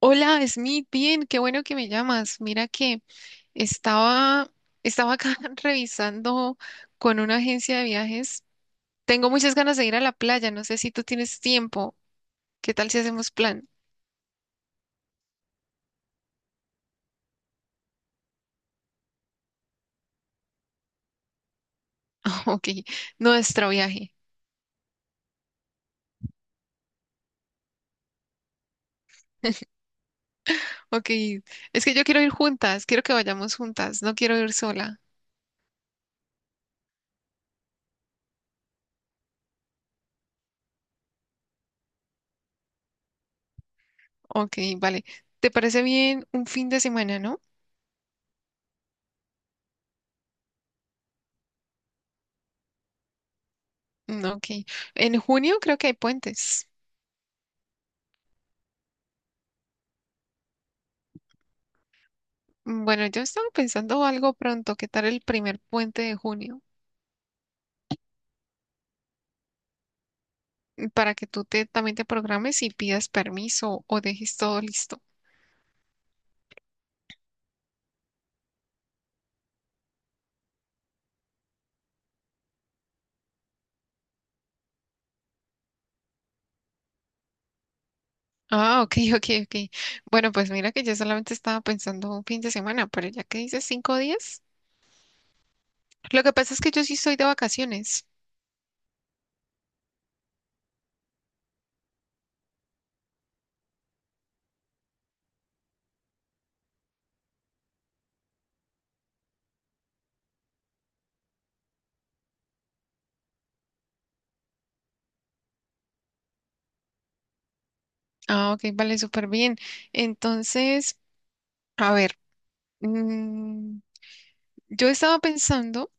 Hola, Smith, bien, qué bueno que me llamas. Mira que estaba, estaba acá revisando con una agencia de viajes. Tengo muchas ganas de ir a la playa, no sé si tú tienes tiempo. ¿Qué tal si hacemos plan? Ok, nuestro viaje. Ok, es que yo quiero ir juntas, quiero que vayamos juntas, no quiero ir sola. Ok, vale. ¿Te parece bien un fin de semana, no? Mm, ok, en junio creo que hay puentes. Mm, bueno, yo estaba pensando algo pronto, ¿qué tal el primer puente de junio? Para que también te programes y pidas permiso o dejes todo listo. Ah, ok, ok, ok. Bueno, pues mira que yo solamente estaba pensando un fin de semana, pero ya que dices 5 días, lo que pasa es que yo sí estoy de vacaciones. Ah, ok, vale, súper bien. Entonces, a ver, mm, yo estaba pensando,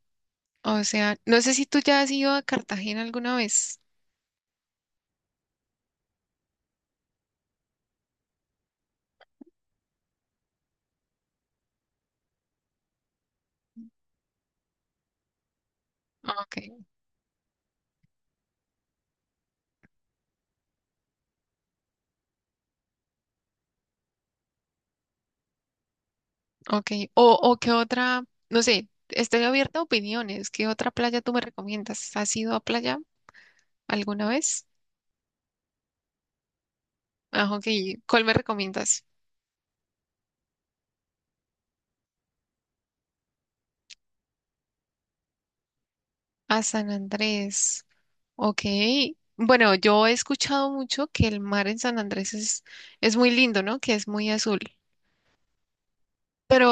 o sea, no sé si tú ya has ido a Cartagena alguna vez. Ah, ok, ok. O qué otra, no sé, estoy abierta a opiniones. ¿Qué otra playa tú me recomiendas? ¿Has ido a playa alguna vez? Ah, ok. ¿Cuál me recomiendas? A San Andrés. Ok. Bueno, yo he escuchado mucho que el mar en San Andrés es muy lindo, ¿no? Que es muy azul. Pero,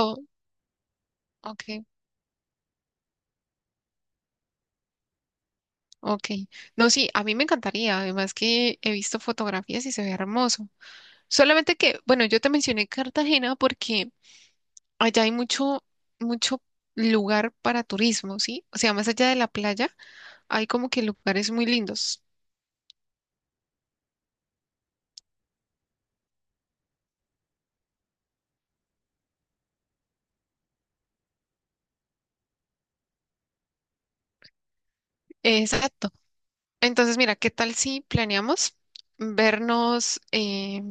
ok, ok. No, sí, a mí me encantaría. Además que he visto fotografías y se ve hermoso. Solamente que, bueno, yo te mencioné Cartagena porque allá hay mucho, mucho lugar para turismo, ¿sí? O sea, más allá de la playa, hay como que lugares muy lindos. Exacto. Entonces, mira, ¿qué tal si planeamos vernos? Eh,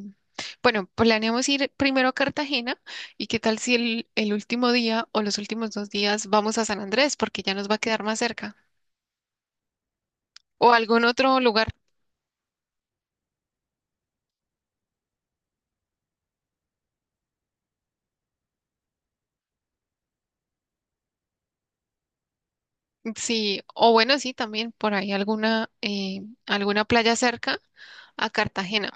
bueno, planeamos ir primero a Cartagena y qué tal si el último día o los últimos 2 días vamos a San Andrés, porque ya nos va a quedar más cerca, o algún otro lugar. Sí, o bueno, sí, también por ahí alguna playa cerca a Cartagena.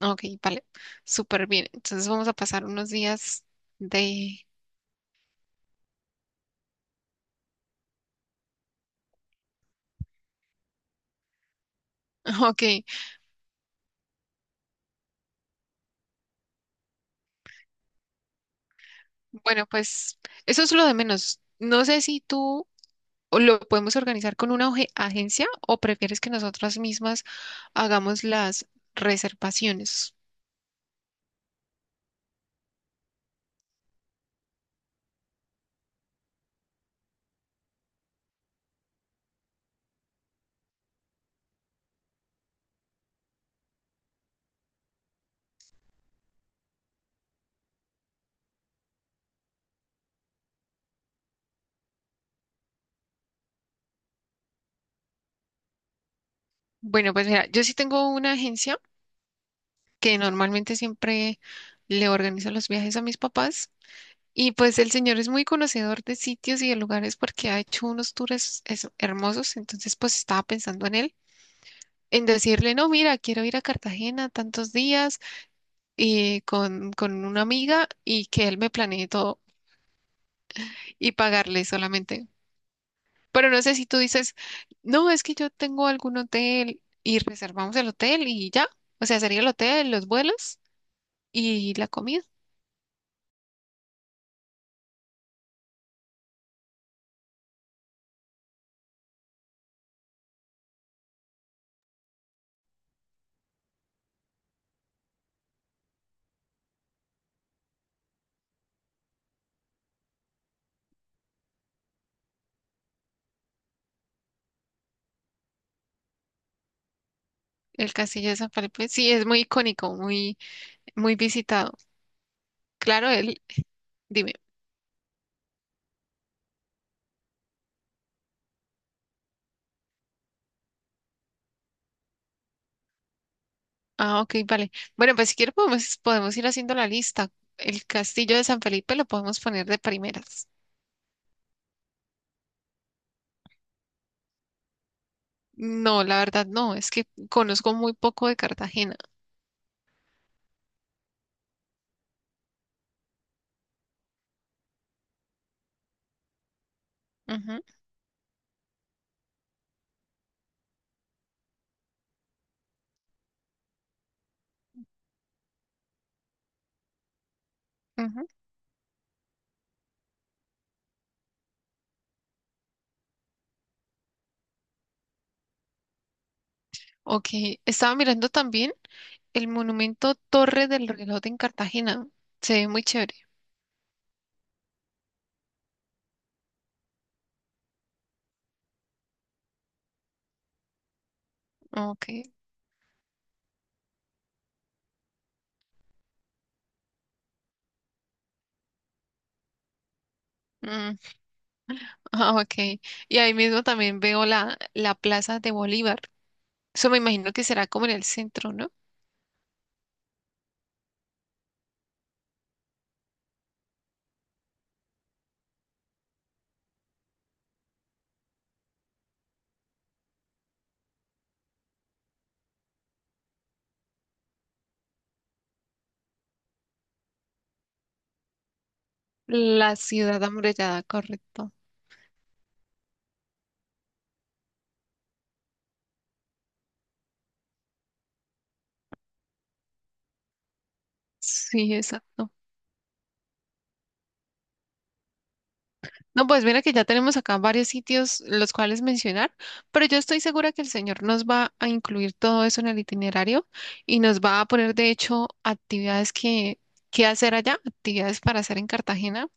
Ok, vale, súper bien. Entonces vamos a pasar unos días de... Ok, bueno, pues eso es lo de menos. No sé si tú... ¿O lo podemos organizar con una agencia o prefieres que nosotras mismas hagamos las reservaciones? Bueno, pues mira, yo sí tengo una agencia que normalmente siempre le organizo los viajes a mis papás y pues el señor es muy conocedor de sitios y de lugares porque ha hecho unos tours hermosos, entonces pues estaba pensando en él, en decirle, no, mira, quiero ir a Cartagena tantos días y con una amiga y que él me planee todo y pagarle solamente. Pero no sé si tú dices, no, es que yo tengo algún hotel y reservamos el hotel y ya. O sea, sería el hotel, los vuelos y la comida. El Castillo de San Felipe, sí, es muy icónico, muy, muy visitado. Claro, él, dime. Ah, ok, vale. Bueno, pues si quieres podemos ir haciendo la lista. El Castillo de San Felipe lo podemos poner de primeras. No, la verdad no, es que conozco muy poco de Cartagena. Ujú, ujú. Ok, estaba mirando también el monumento Torre del Reloj en Cartagena. Se ve muy chévere. Ok. Mm, ah, ok. Y ahí mismo también veo la Plaza de Bolívar. Eso me imagino que será como en el centro, ¿no? La ciudad amurallada, correcto. Sí, exacto. No, pues mira que ya tenemos acá varios sitios los cuales mencionar, pero yo estoy segura que el señor nos va a incluir todo eso en el itinerario y nos va a poner, de hecho, actividades que hacer allá, actividades para hacer en Cartagena.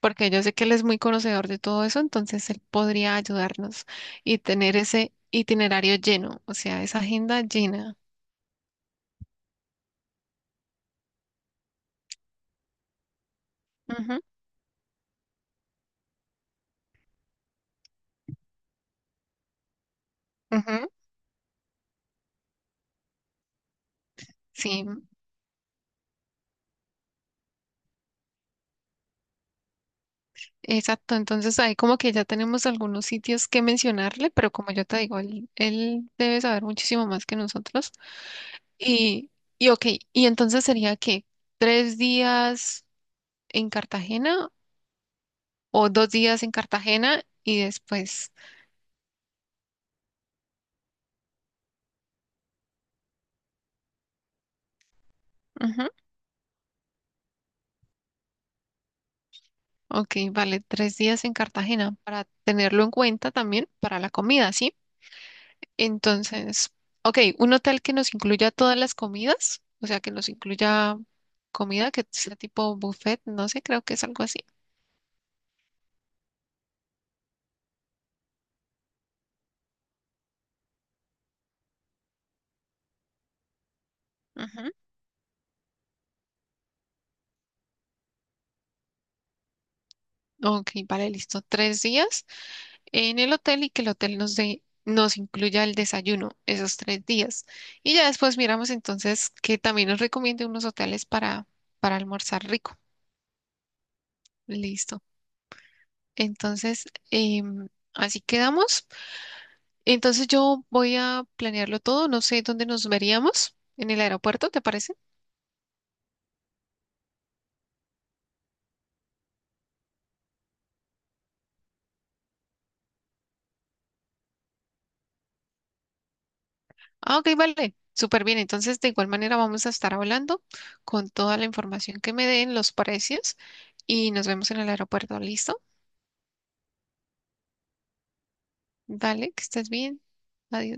Porque yo sé que él es muy conocedor de todo eso, entonces él podría ayudarnos y tener ese itinerario lleno, o sea, esa agenda llena. Ujú, ujú. Sí, exacto. Entonces ahí como que ya tenemos algunos sitios que mencionarle, pero como yo te digo, él debe saber muchísimo más que nosotros. Y, y ok, y entonces sería que 3 días en Cartagena o 2 días en Cartagena y después. Ok, vale, 3 días en Cartagena para tenerlo en cuenta también para la comida, ¿sí? Entonces, ok, un hotel que nos incluya todas las comidas, o sea, que nos incluya comida que sea tipo buffet, no sé, creo que es algo así. Ujú. Ok, vale, listo, 3 días en el hotel y que el hotel nos dé, nos incluya el desayuno esos 3 días. Y ya después miramos entonces que también nos recomiende unos hoteles para almorzar rico. Listo. Entonces, así quedamos. Entonces yo voy a planearlo todo. No sé dónde nos veríamos. En el aeropuerto, ¿te parece? Ah, ok, vale. Súper bien. Entonces, de igual manera vamos a estar hablando con toda la información que me den, los precios, y nos vemos en el aeropuerto. ¿Listo? Dale, que estés bien. Adiós.